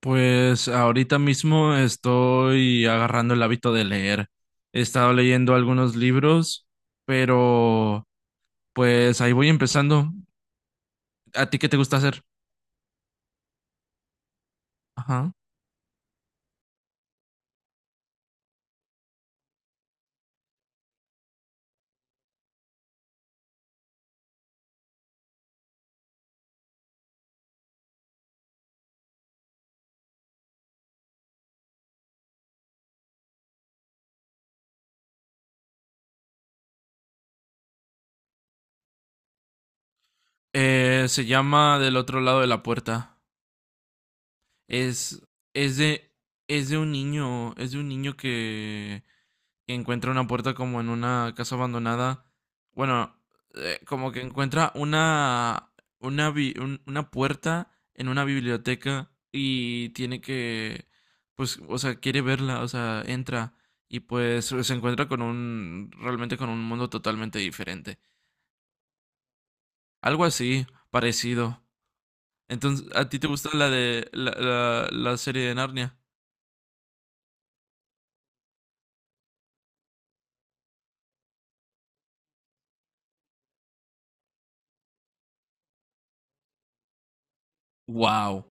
Pues ahorita mismo estoy agarrando el hábito de leer. He estado leyendo algunos libros, pero pues ahí voy empezando. ¿A ti qué te gusta hacer? Ajá. Se llama Del otro lado de la puerta. Es, es de, es de un niño, es de un niño que y encuentra una puerta como en una casa abandonada. Bueno, como que encuentra una, una puerta en una biblioteca y tiene que, pues, o sea, quiere verla, o sea, entra y pues se encuentra con un, realmente con un mundo totalmente diferente. Algo así, parecido. Entonces, ¿a ti te gusta la serie de Narnia? Wow.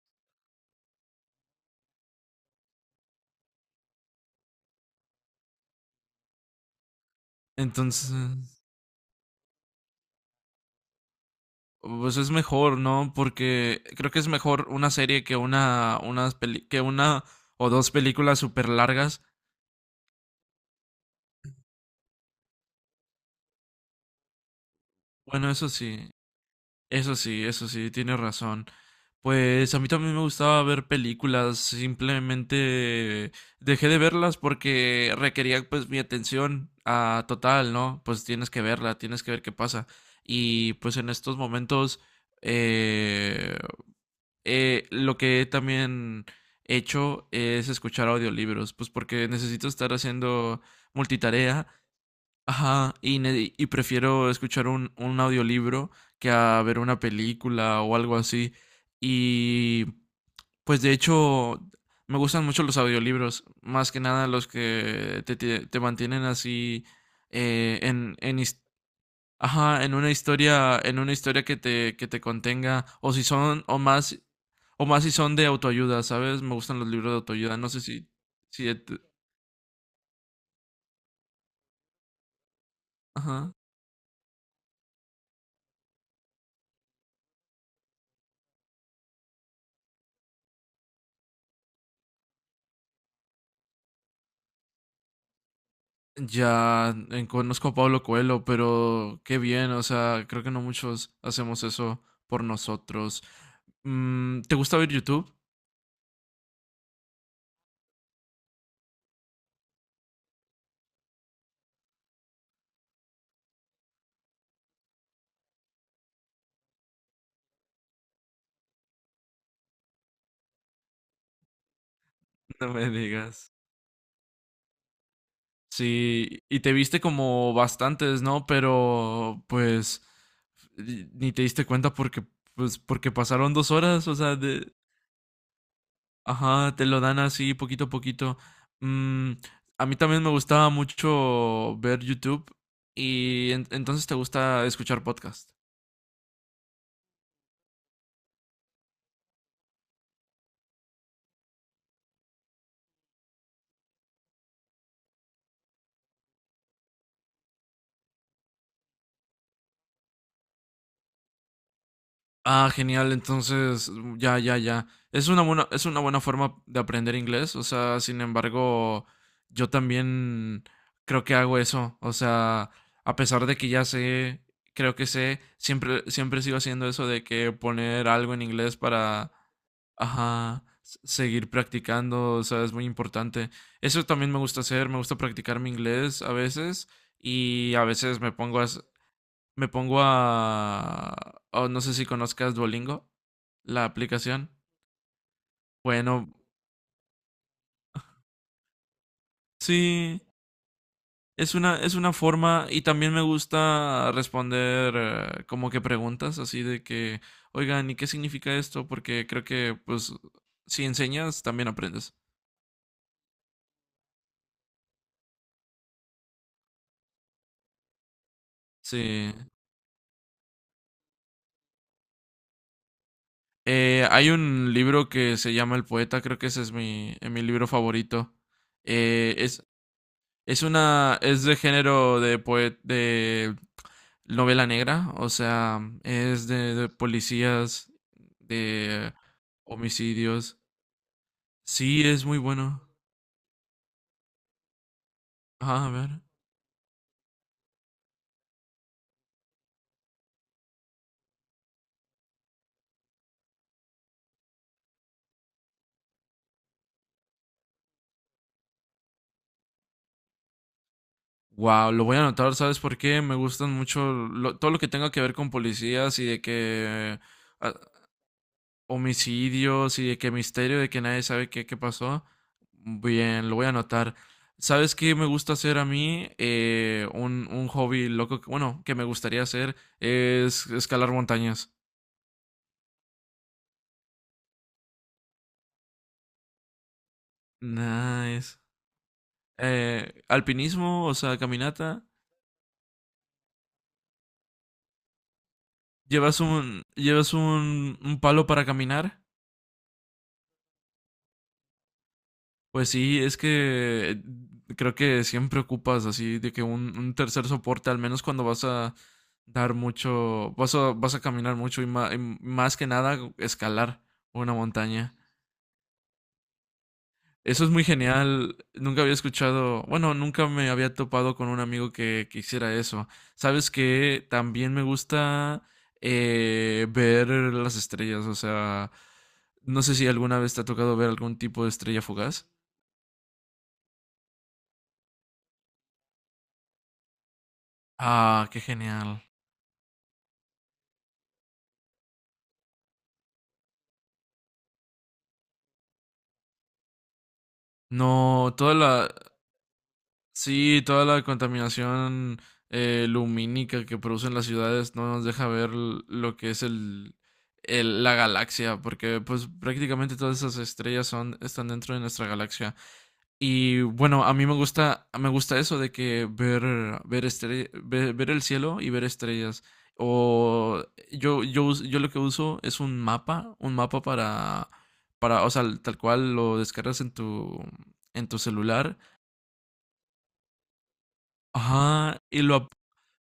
Entonces, pues es mejor, ¿no? Porque creo que es mejor una serie que que una o dos películas súper largas. Bueno, eso sí, eso sí, tienes razón. Pues a mí también me gustaba ver películas, simplemente dejé de verlas porque requería pues mi atención a total, ¿no? Pues tienes que verla, tienes que ver qué pasa. Y pues en estos momentos, eh, lo que he también hecho es escuchar audiolibros, pues porque necesito estar haciendo multitarea, ajá, y prefiero escuchar un audiolibro que a ver una película o algo así. Y pues de hecho me gustan mucho los audiolibros, más que nada los que te mantienen así eh, en, en, his- ajá, en una historia que te contenga, o si son, o más si son de autoayuda, ¿sabes? Me gustan los libros de autoayuda, no sé si, ajá. Ya, conozco a Pablo Coelho, pero qué bien, o sea, creo que no muchos hacemos eso por nosotros. Mm, ¿te gusta ver YouTube? No me digas. Sí, y te viste como bastantes, ¿no? Pero pues ni te diste cuenta porque, pues, porque pasaron dos horas, o sea, de, ajá, te lo dan así poquito a poquito. Mm, a mí también me gustaba mucho ver YouTube y entonces te gusta escuchar podcast. Ah, genial. Entonces, ya, ya. Es una buena forma de aprender inglés. O sea, sin embargo, yo también creo que hago eso. O sea, a pesar de que ya sé, creo que sé, siempre, siempre sigo haciendo eso de que poner algo en inglés para, ajá, seguir practicando. O sea, es muy importante. Eso también me gusta hacer. Me gusta practicar mi inglés a veces y a veces me pongo a... Oh, no sé si conozcas Duolingo, la aplicación. Bueno, sí, es una forma y también me gusta responder como que preguntas así de que, oigan, ¿y qué significa esto? Porque creo que pues si enseñas también aprendes. Sí. Hay un libro que se llama El Poeta, creo que ese es mi, mi libro favorito. Eh, es, Es una, es de de novela negra, o sea, es de policías, de homicidios. Sí, es muy bueno. Ajá, a ver. Wow, lo voy a anotar, ¿sabes por qué? Me gustan mucho todo lo que tenga que ver con policías y de que ah, homicidios y de que misterio, de que nadie sabe qué, qué pasó. Bien, lo voy a anotar. ¿Sabes qué me gusta hacer a mí? Un hobby loco, bueno, que me gustaría hacer es escalar montañas. Nice. Alpinismo, o sea, caminata. ¿Llevas un, un palo para caminar? Pues sí, es que creo que siempre ocupas así de que un tercer soporte, al menos cuando vas a dar mucho, vas a caminar mucho y más que nada escalar una montaña. Eso es muy genial. Nunca había escuchado, bueno, nunca me había topado con un amigo que hiciera eso. Sabes que también me gusta ver las estrellas, o sea, no sé si alguna vez te ha tocado ver algún tipo de estrella fugaz. Ah, qué genial. No, toda la, sí, toda la contaminación lumínica que producen las ciudades no nos deja ver lo que es el, la galaxia, porque pues prácticamente todas esas estrellas son, están dentro de nuestra galaxia. Y bueno, a mí me gusta eso de que ver, ver el cielo y ver estrellas. O yo lo que uso es un mapa para, o sea, tal cual lo descargas en tu celular. Ajá,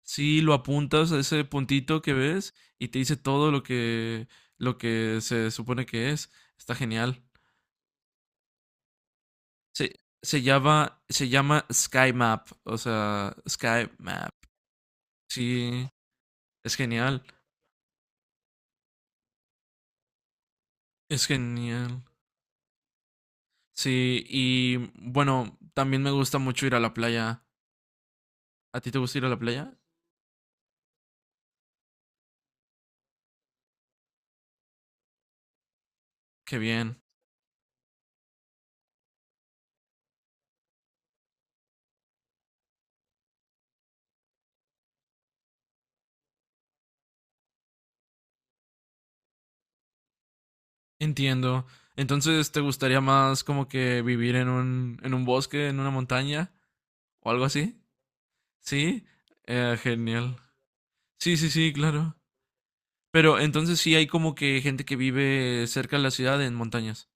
sí, lo apuntas a ese puntito que ves y te dice todo lo que se supone que es. Está genial. Se, Se llama Sky Map, o sea, Sky Map. Sí, es genial, es genial. Sí, y bueno, también me gusta mucho ir a la playa. ¿A ti te gusta ir a la playa? Qué bien, entiendo. Entonces, ¿te gustaría más como que vivir en un bosque, en una montaña o algo así? Sí, genial. Sí, sí, sí, claro. Pero entonces sí hay como que gente que vive cerca de la ciudad en montañas.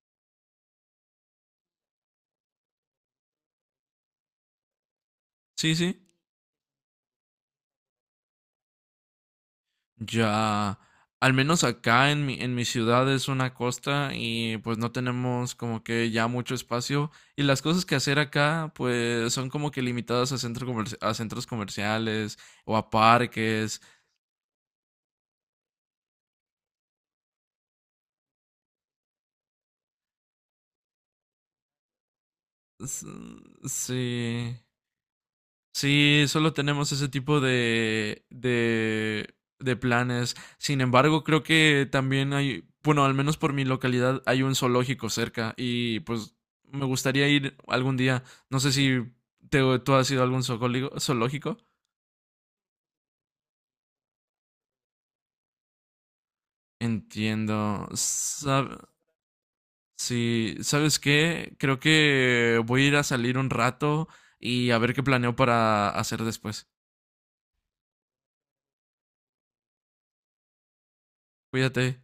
Sí, sí. Ya. Al menos acá en mi ciudad es una costa y pues no tenemos como que ya mucho espacio. Y las cosas que hacer acá pues son como que limitadas a centros comerciales o a parques. S- sí. Sí, solo tenemos ese tipo de planes. Sin embargo, creo que también hay, bueno, al menos por mi localidad hay un zoológico cerca y pues me gustaría ir algún día. No sé si tú has ido a algún zoológico. Entiendo. Sab- sí, ¿sabes qué? Creo que voy a ir a salir un rato y a ver qué planeo para hacer después. Cuídate.